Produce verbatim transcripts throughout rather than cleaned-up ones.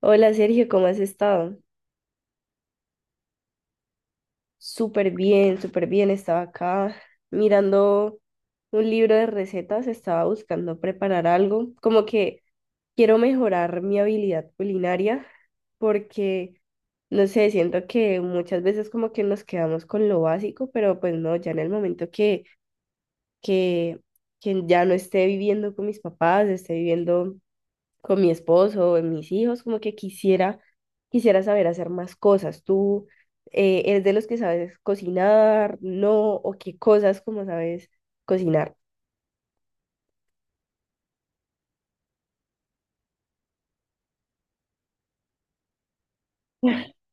Hola Sergio, ¿cómo has estado? Súper bien, súper bien. Estaba acá mirando un libro de recetas, estaba buscando preparar algo. Como que quiero mejorar mi habilidad culinaria porque, no sé, siento que muchas veces como que nos quedamos con lo básico, pero pues no, ya en el momento que, que, que ya no esté viviendo con mis papás, esté viviendo con mi esposo, en mis hijos, como que quisiera, quisiera saber hacer más cosas. ¿Tú eh, eres de los que sabes cocinar, no? ¿O qué cosas como sabes cocinar?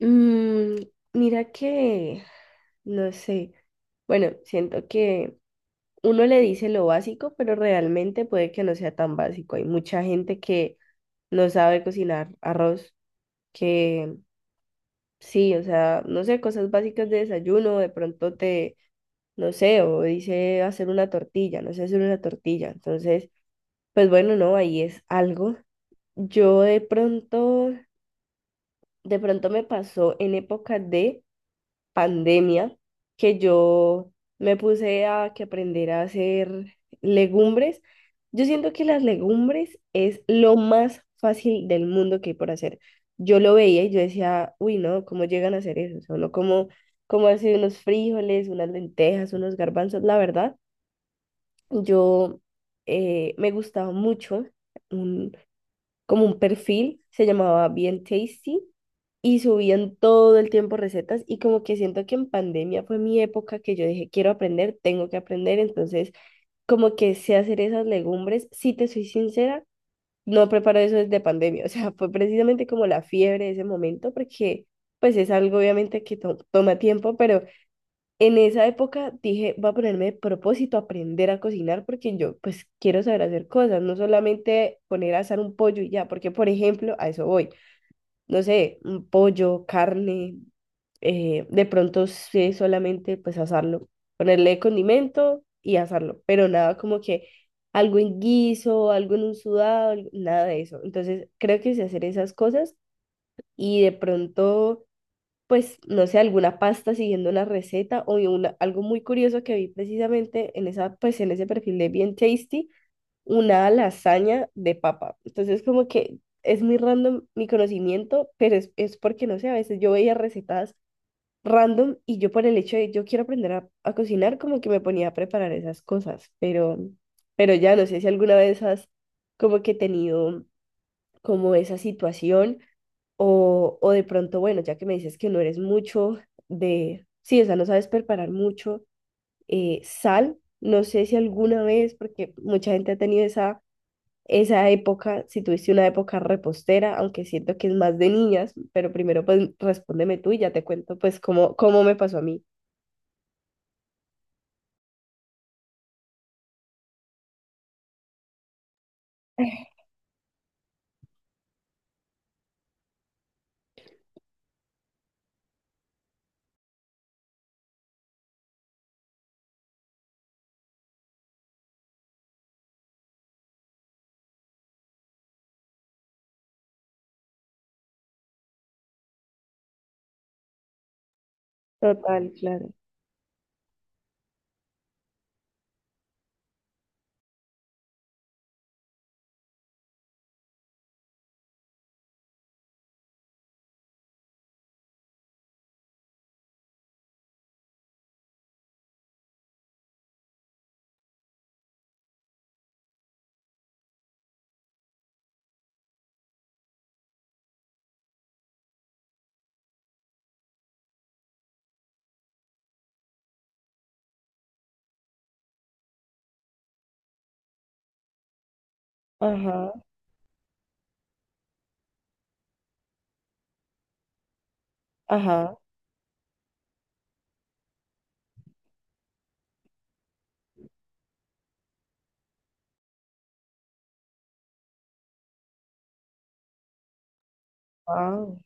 Mm, mira que, no sé, bueno, siento que uno le dice lo básico, pero realmente puede que no sea tan básico. Hay mucha gente que no sabe cocinar arroz, que sí, o sea, no sé, cosas básicas de desayuno, de pronto te no sé, o dice hacer una tortilla, no sé hacer una tortilla. Entonces, pues bueno, no, ahí es algo. Yo de pronto, de pronto me pasó en época de pandemia que yo me puse a que aprender a hacer legumbres. Yo siento que las legumbres es lo más fácil del mundo que hay por hacer. Yo lo veía y yo decía, uy, no, ¿cómo llegan a hacer eso? O sea, uno como, como hacer unos frijoles, unas lentejas, unos garbanzos, la verdad. Yo eh, me gustaba mucho un, como un perfil, se llamaba Bien Tasty y subían todo el tiempo recetas y como que siento que en pandemia fue mi época que yo dije, quiero aprender, tengo que aprender, entonces como que sé hacer esas legumbres. Si te soy sincera, no preparo eso desde pandemia, o sea, fue precisamente como la fiebre de ese momento porque pues es algo obviamente que to- toma tiempo, pero en esa época dije, voy a ponerme de propósito a aprender a cocinar porque yo pues quiero saber hacer cosas, no solamente poner a asar un pollo y ya, porque por ejemplo, a eso voy, no sé, un pollo, carne, eh, de pronto sé solamente pues asarlo, ponerle condimento y asarlo, pero nada como que algo en guiso, algo en un sudado, algo- nada de eso. Entonces creo que sé hacer esas cosas y de pronto pues, no sé, alguna pasta siguiendo una receta o vi una, algo muy curioso que vi precisamente en esa, pues, en ese perfil de Bien Tasty, una lasaña de papa. Entonces, como que es muy random mi conocimiento, pero es, es porque, no sé, a veces yo veía recetas random y yo por el hecho de yo quiero aprender a, a cocinar, como que me ponía a preparar esas cosas, pero, pero ya no sé si alguna vez has como que tenido como esa situación o, o de pronto, bueno, ya que me dices que no eres mucho de, sí, o sea, no sabes preparar mucho eh, sal, no sé si alguna vez, porque mucha gente ha tenido esa, esa época, si tuviste una época repostera, aunque siento que es más de niñas, pero primero pues respóndeme tú y ya te cuento pues cómo, cómo me pasó a mí. Total, claro. Ajá, ajá, wow.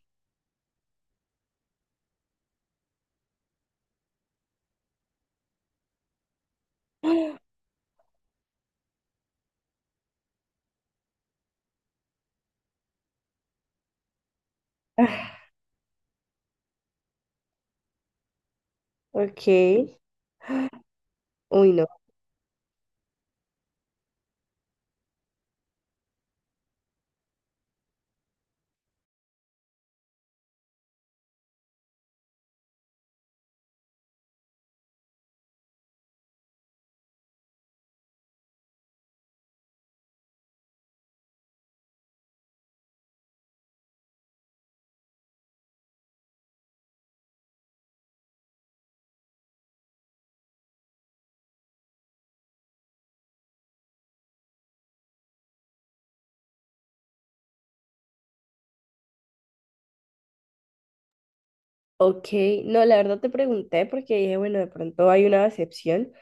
Ok, uy, no. Ok, no, la verdad te pregunté porque dije, bueno, de pronto hay una excepción.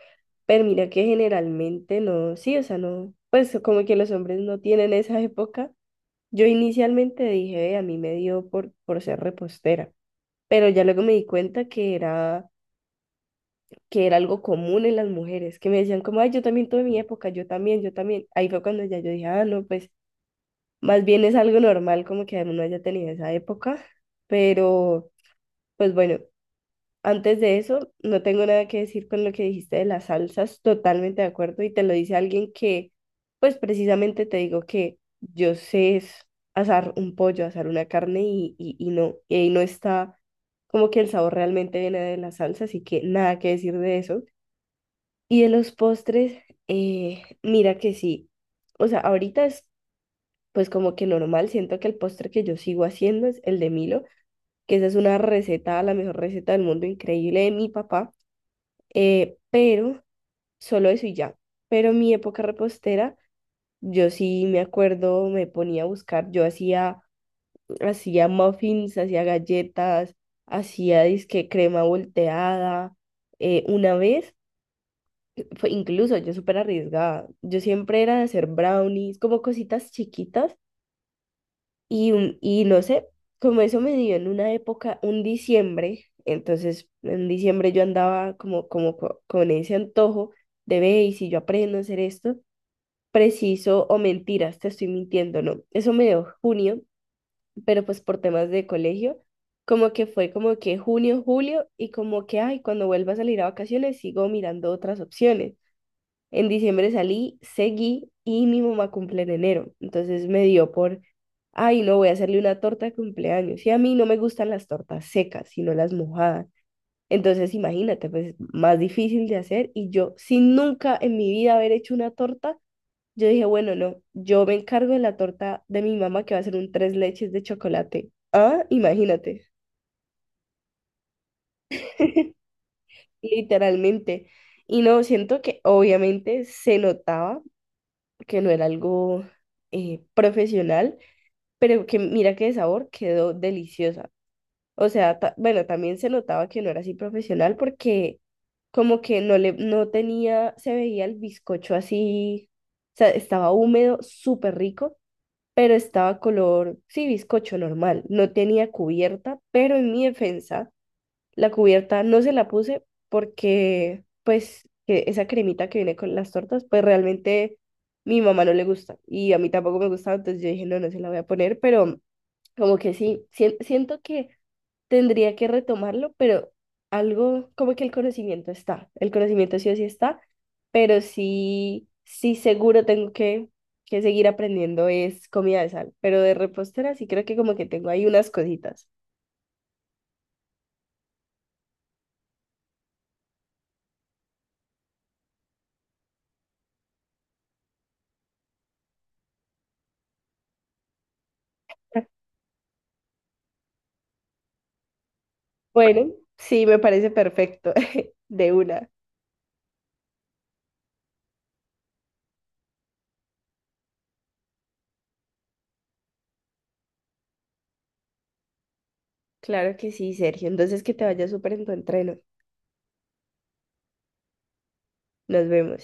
Pero mira que generalmente no, sí, o sea, no, pues como que los hombres no tienen esa época. Yo inicialmente dije: "Ve, a mí me dio por, por ser repostera, pero ya luego me di cuenta que era, que era algo común en las mujeres, que me decían como, ay, yo también tuve mi época, yo también, yo también". Ahí fue cuando ya yo dije, ah, no, pues más bien es algo normal como que uno haya tenido esa época, pero pues bueno. Antes de eso, no tengo nada que decir con lo que dijiste de las salsas, totalmente de acuerdo, y te lo dice alguien que, pues precisamente te digo que yo sé es asar un pollo, asar una carne y, y, y no, y ahí no está como que el sabor realmente viene de la salsa, así que nada que decir de eso. Y de los postres, eh, mira que sí, o sea, ahorita es pues como que normal, siento que el postre que yo sigo haciendo es el de Milo, que esa es una receta, la mejor receta del mundo, increíble de mi papá. Eh, pero solo eso y ya. Pero mi época repostera, yo sí me acuerdo, me ponía a buscar, yo hacía, hacía muffins, hacía galletas, hacía disque crema volteada. Eh, una vez, fue incluso yo súper arriesgada, yo siempre era de hacer brownies, como cositas chiquitas. Y, un- y no sé, como eso me dio en una época, un diciembre, entonces en diciembre yo andaba como, como co- con ese antojo de ve y si yo aprendo a hacer esto, preciso o mentiras, te estoy mintiendo, no. Eso me dio junio, pero pues por temas de colegio, como que fue como que junio, julio y como que, ay, cuando vuelva a salir a vacaciones sigo mirando otras opciones. En diciembre salí, seguí y mi mamá cumple en enero. Entonces me dio por, ay, no, voy a hacerle una torta de cumpleaños. Y a mí no me gustan las tortas secas, sino las mojadas. Entonces imagínate, pues más difícil de hacer. Y yo, sin nunca en mi vida haber hecho una torta, yo dije, bueno, no, yo me encargo de la torta de mi mamá que va a ser un tres leches de chocolate. Ah, imagínate, literalmente. Y no, siento que obviamente se notaba que no era algo eh, profesional, pero que mira que de sabor quedó deliciosa. O sea, ta- bueno, también se notaba que no era así profesional porque como que no le, no tenía, se veía el bizcocho así, o sea, estaba húmedo, súper rico, pero estaba color, sí, bizcocho normal, no tenía cubierta, pero en mi defensa la cubierta no se la puse porque, pues, que esa cremita que viene con las tortas, pues realmente mi mamá no le gusta y a mí tampoco me gusta, entonces yo dije, no, no se la voy a poner, pero como que sí, sien- siento que tendría que retomarlo, pero algo como que el conocimiento está, el conocimiento sí o sí está, pero sí, sí seguro tengo que, que seguir aprendiendo es comida de sal, pero de repostera sí creo que como que tengo ahí unas cositas. Bueno, sí, me parece perfecto. De una. Claro que sí, Sergio. Entonces que te vaya súper en tu entreno. Nos vemos.